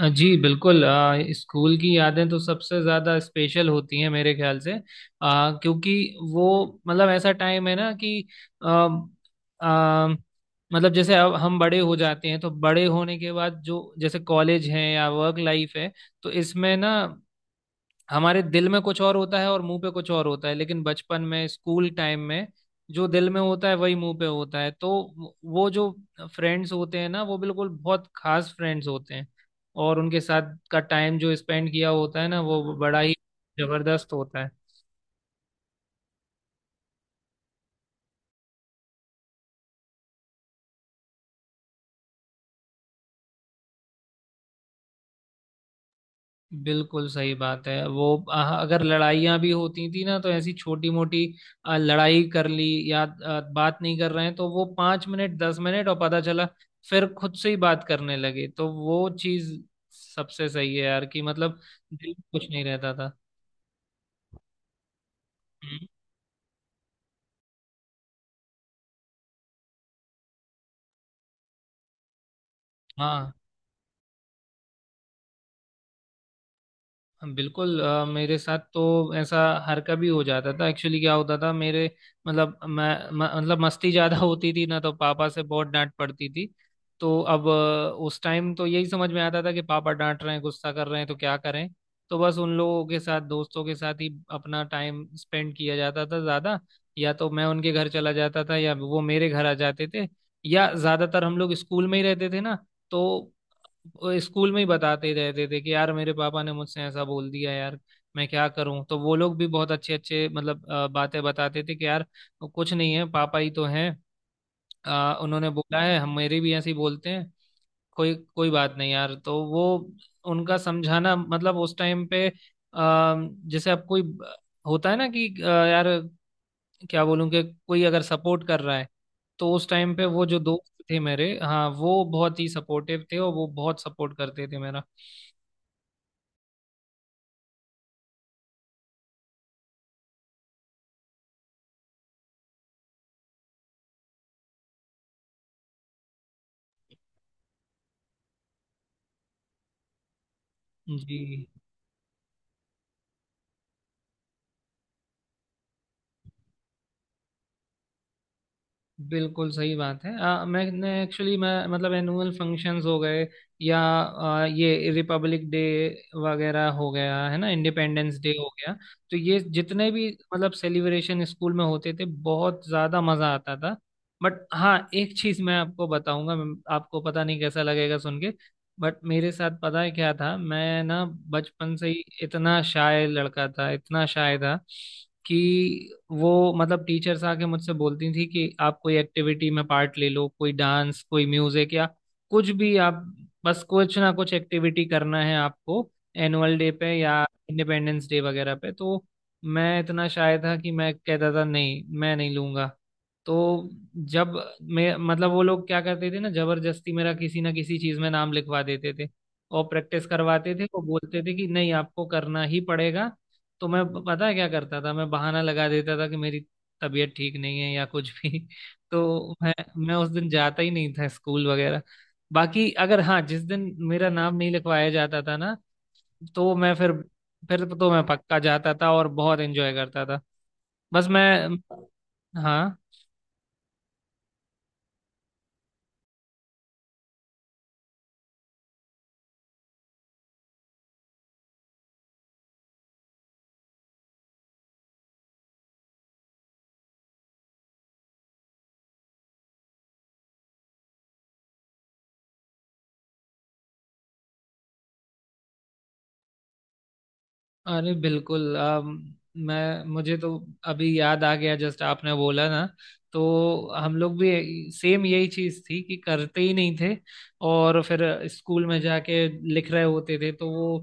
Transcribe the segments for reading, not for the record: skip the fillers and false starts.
जी बिल्कुल। स्कूल की यादें तो सबसे ज़्यादा स्पेशल होती हैं मेरे ख्याल से, क्योंकि वो मतलब ऐसा टाइम है ना कि अ, अ, मतलब जैसे अब हम बड़े हो जाते हैं तो बड़े होने के बाद जो जैसे कॉलेज है या वर्क लाइफ है, तो इसमें ना हमारे दिल में कुछ और होता है और मुंह पे कुछ और होता है, लेकिन बचपन में स्कूल टाइम में जो दिल में होता है वही मुंह पे होता है। तो वो जो फ्रेंड्स होते हैं ना वो बिल्कुल बहुत खास फ्रेंड्स होते हैं, और उनके साथ का टाइम जो स्पेंड किया होता है ना वो बड़ा ही जबरदस्त होता है। बिल्कुल सही बात है। वो अगर लड़ाइयाँ भी होती थी ना तो ऐसी छोटी मोटी लड़ाई कर ली, या बात नहीं कर रहे हैं तो वो पांच मिनट दस मिनट, और पता चला फिर खुद से ही बात करने लगे। तो वो चीज सबसे सही है यार, कि मतलब दिल में कुछ नहीं रहता था। हम्म। हाँ बिल्कुल, मेरे साथ तो ऐसा हर कभी हो जाता था। एक्चुअली क्या होता था मेरे मतलब, मतलब मस्ती ज़्यादा होती थी ना, तो पापा से बहुत डांट पड़ती थी। तो अब उस टाइम तो यही समझ में आता था कि पापा डांट रहे हैं गुस्सा कर रहे हैं तो क्या करें। तो बस उन लोगों के साथ, दोस्तों के साथ ही अपना टाइम स्पेंड किया जाता था ज़्यादा। या तो मैं उनके घर चला जाता था या वो मेरे घर आ जाते थे, या ज़्यादातर हम लोग स्कूल में ही रहते थे ना। तो वो स्कूल में ही बताते रहते थे कि यार मेरे पापा ने मुझसे ऐसा बोल दिया, यार मैं क्या करूं। तो वो लोग भी बहुत अच्छे अच्छे मतलब बातें बताते थे कि यार कुछ नहीं है, पापा ही तो हैं, उन्होंने बोला है, हम मेरे भी ऐसे ही बोलते हैं, कोई कोई बात नहीं यार। तो वो उनका समझाना मतलब उस टाइम पे, जैसे अब कोई होता है ना कि यार क्या बोलूं कि कोई अगर सपोर्ट कर रहा है, तो उस टाइम पे वो जो दोस्त थे मेरे, हाँ वो बहुत ही सपोर्टिव थे और वो बहुत सपोर्ट करते थे मेरा। जी बिल्कुल सही बात है। मैंने एक्चुअली मैं मतलब एनुअल फंक्शंस हो गए, या ये रिपब्लिक डे वगैरह हो गया है ना, इंडिपेंडेंस डे हो गया, तो ये जितने भी मतलब सेलिब्रेशन स्कूल में होते थे, बहुत ज़्यादा मज़ा आता था। बट हाँ, एक चीज़ मैं आपको बताऊंगा, मैं- आपको पता नहीं कैसा लगेगा सुन के, बट मेरे साथ पता है क्या था, मैं ना बचपन से ही इतना शाय लड़का था, इतना शाय था कि वो मतलब टीचर्स आके मुझसे बोलती थी कि आप कोई एक्टिविटी में पार्ट ले लो, कोई डांस, कोई म्यूजिक, या कुछ भी आप, बस कुछ ना कुछ एक्टिविटी करना है आपको एनुअल डे पे या इंडिपेंडेंस डे वगैरह पे। तो मैं इतना शाय था कि मैं कहता था नहीं मैं नहीं लूंगा। तो जब मैं मतलब, वो लोग क्या करते थे ना, जबरदस्ती मेरा किसी ना किसी चीज में नाम लिखवा देते थे, और प्रैक्टिस करवाते थे, वो बोलते थे कि नहीं आपको करना ही पड़ेगा। तो मैं ब- पता है क्या करता था, मैं बहाना लगा देता था कि मेरी तबीयत ठीक नहीं है या कुछ भी। तो मैं उस दिन जाता ही नहीं था स्कूल वगैरह। बाकी अगर हाँ, जिस दिन मेरा नाम नहीं लिखवाया जाता था ना, तो मैं फिर तो मैं पक्का जाता था और बहुत एंजॉय करता था। बस मैं। हाँ। अरे बिल्कुल, मैं मुझे तो अभी याद आ गया जस्ट आपने बोला ना, तो हम लोग भी सेम यही चीज थी कि करते ही नहीं थे, और फिर स्कूल में जाके लिख रहे होते थे। तो वो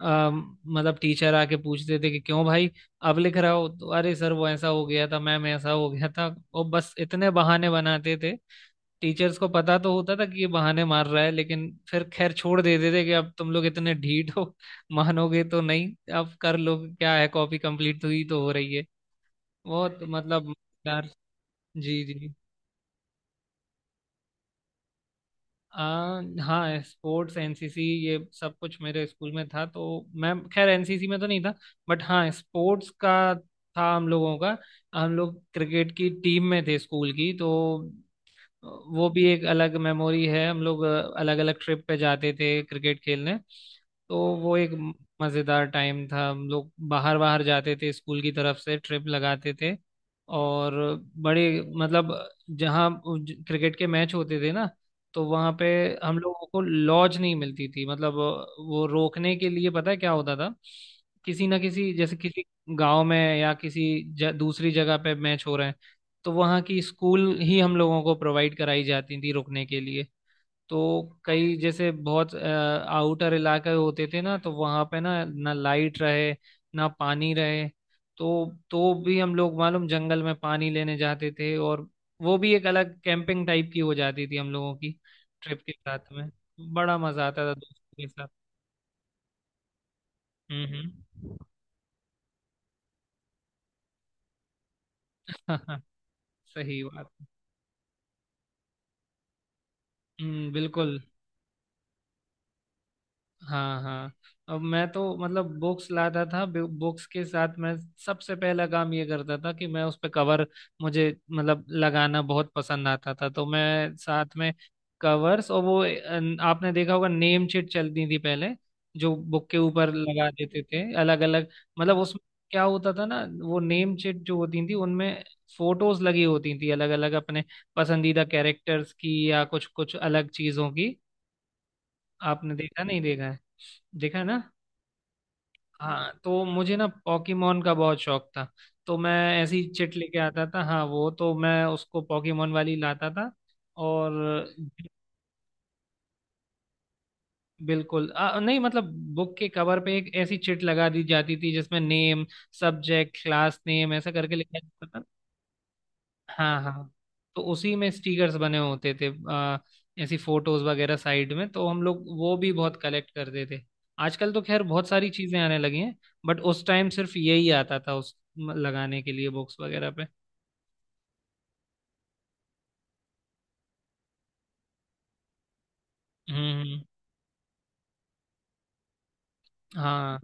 मतलब टीचर आके पूछते थे कि क्यों भाई अब लिख रहा हो, तो अरे सर वो ऐसा हो गया था, मैम ऐसा हो गया था, और बस इतने बहाने बनाते थे। टीचर्स को पता तो होता था कि ये बहाने मार रहा है, लेकिन फिर खैर छोड़ देते थे कि अब तुम लोग इतने ढीठ हो, मानोगे तो नहीं, अब कर लो, क्या है, कॉपी कंप्लीट हुई तो हो रही है। बहुत मतलब यार। जी जी। हाँ स्पोर्ट्स, एनसीसी, ये सब कुछ मेरे स्कूल में था। तो मैं खैर एनसीसी में तो नहीं था, बट हाँ स्पोर्ट्स का था हम लोगों का। हम लोग क्रिकेट की टीम में थे स्कूल की, तो वो भी एक अलग मेमोरी है। हम लोग अलग अलग ट्रिप पे जाते थे क्रिकेट खेलने, तो वो एक मज़ेदार टाइम था। हम लोग बाहर बाहर जाते थे, स्कूल की तरफ से ट्रिप लगाते थे, और बड़े मतलब जहाँ क्रिकेट के मैच होते थे ना, तो वहाँ पे हम लोगों को लॉज नहीं मिलती थी, मतलब वो रोकने के लिए। पता है क्या होता था, किसी ना किसी जैसे किसी गांव में या किसी दूसरी जगह पे मैच हो रहे हैं, तो वहाँ की स्कूल ही हम लोगों को प्रोवाइड कराई जाती थी रुकने के लिए। तो कई जैसे बहुत आउटर इलाके होते थे ना, तो वहाँ पे ना ना लाइट रहे ना पानी रहे, तो तो भी हम लोग मालूम जंगल में पानी लेने जाते थे, और वो भी एक अलग कैंपिंग टाइप की हो जाती थी हम लोगों की ट्रिप के साथ में। बड़ा मजा आता था दोस्तों के साथ। हम्म हम्म। सही बात। बिल्कुल। हाँ हाँ। अब मैं तो मतलब बुक्स लाता था, बुक्स के साथ मैं सबसे पहला काम ये करता था कि मैं उस पे कवर, मुझे मतलब लगाना बहुत पसंद आता था, तो मैं साथ में कवर्स, और वो आपने देखा होगा नेम शीट चलती थी पहले, जो बुक के ऊपर लगा देते थे अलग अलग, मतलब उसमें क्या होता था ना, वो नेम शीट जो होती थी उनमें फोटोज लगी होती थी अलग अलग, अपने पसंदीदा कैरेक्टर्स की या कुछ कुछ अलग चीजों की। आपने देखा नहीं, देखा है, देखा है ना। हाँ तो मुझे ना पॉकीमोन का बहुत शौक था, तो मैं ऐसी चिट लेके आता था, हाँ वो तो मैं उसको पॉकीमोन वाली लाता था। और बिल्कुल, नहीं मतलब बुक के कवर पे एक ऐसी चिट लगा दी जाती थी जिसमें नेम, सब्जेक्ट, क्लास, नेम ऐसा करके लिखा जाता था। हाँ हाँ, तो उसी में स्टिकर्स बने होते थे, ऐसी फोटोज वगैरह साइड में, तो हम लोग वो भी बहुत कलेक्ट करते थे। आजकल तो खैर बहुत सारी चीजें आने लगी हैं, बट उस टाइम सिर्फ यही आता था उस म- लगाने के लिए बॉक्स वगैरह पे। हम्म। हाँ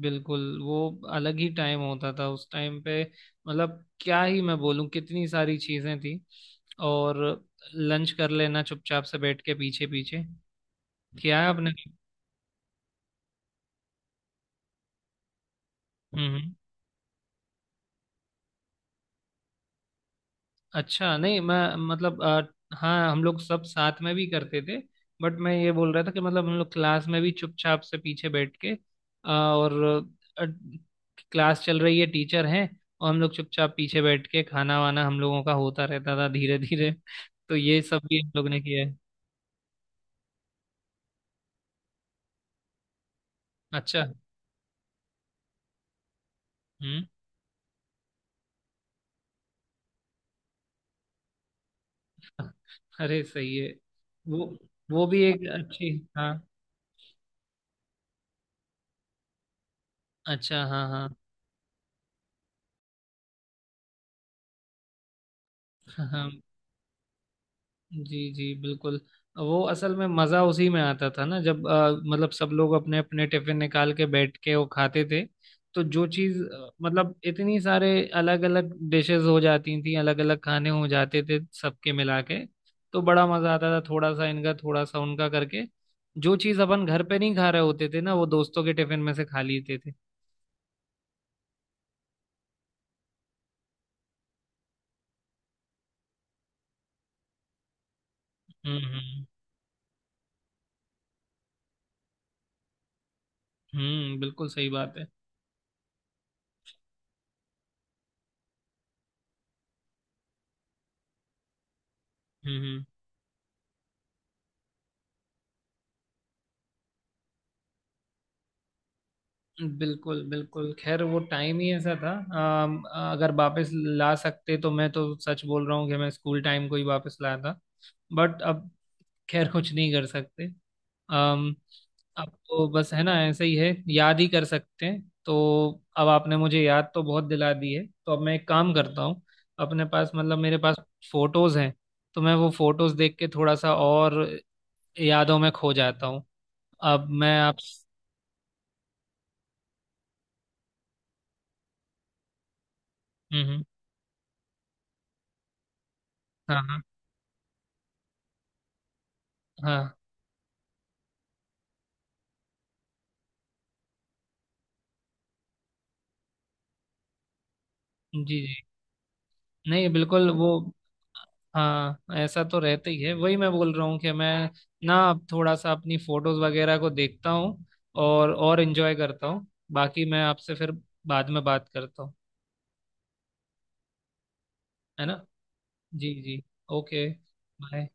बिल्कुल, वो अलग ही टाइम होता था उस टाइम पे। मतलब क्या ही मैं बोलूं, कितनी सारी चीजें थी। और लंच कर लेना चुपचाप से बैठ के पीछे पीछे, किया है आपने। हम्म हम्म। अच्छा नहीं, मैं मतलब हाँ हम लोग सब साथ में भी करते थे, बट मैं ये बोल रहा था कि मतलब हम लोग क्लास में भी चुपचाप से पीछे बैठ के, और अ, क्लास चल रही है, टीचर हैं, और हम लोग चुपचाप पीछे बैठ के खाना वाना हम लोगों का होता रहता था, धीरे धीरे। तो ये सब भी हम लोग ने किया है। अच्छा। हम्म। अरे सही है, वो वो भी एक अच्छी। हाँ। अच्छा हाँ हाँ हाँ। जी जी बिल्कुल, वो असल में मज़ा उसी में आता था ना, जब मतलब सब लोग अपने अपने टिफिन निकाल के बैठ के वो खाते थे, तो जो चीज़ मतलब इतनी सारे अलग अलग डिशेस हो जाती थी, अलग अलग खाने हो जाते थे सबके मिला के, तो बड़ा मज़ा आता था, थोड़ा सा इनका थोड़ा सा उनका करके, जो चीज़ अपन घर पे नहीं खा रहे होते थे ना, वो दोस्तों के टिफिन में से खा लेते थे। हम्म। बिल्कुल सही बात है। हम्म। बिल्कुल बिल्कुल, खैर वो टाइम ही ऐसा था। अम, अगर वापस ला सकते तो मैं तो सच बोल रहा हूँ कि मैं स्कूल टाइम को ही वापस लाया था, बट अब खैर कुछ नहीं कर सकते। अम, अब तो बस है ना, ऐसे ही है, याद ही कर सकते हैं। तो अब आपने मुझे याद तो बहुत दिला दी है, तो अब मैं एक काम करता हूँ। अपने पास मतलब मेरे पास फोटोज हैं, तो मैं वो फोटोज देख के थोड़ा सा और यादों में खो जाता हूँ। अब मैं आप। हम्म। हाँ हाँ हाँ। जी जी, नहीं बिल्कुल वो। हाँ ऐसा तो रहता ही है, वही मैं बोल रहा हूँ कि मैं ना अब थोड़ा सा अपनी फोटोज वगैरह को देखता हूँ, और एंजॉय करता हूँ। बाकी मैं आपसे फिर बाद में बात करता हूँ, है ना। जी जी, ओके, बाय।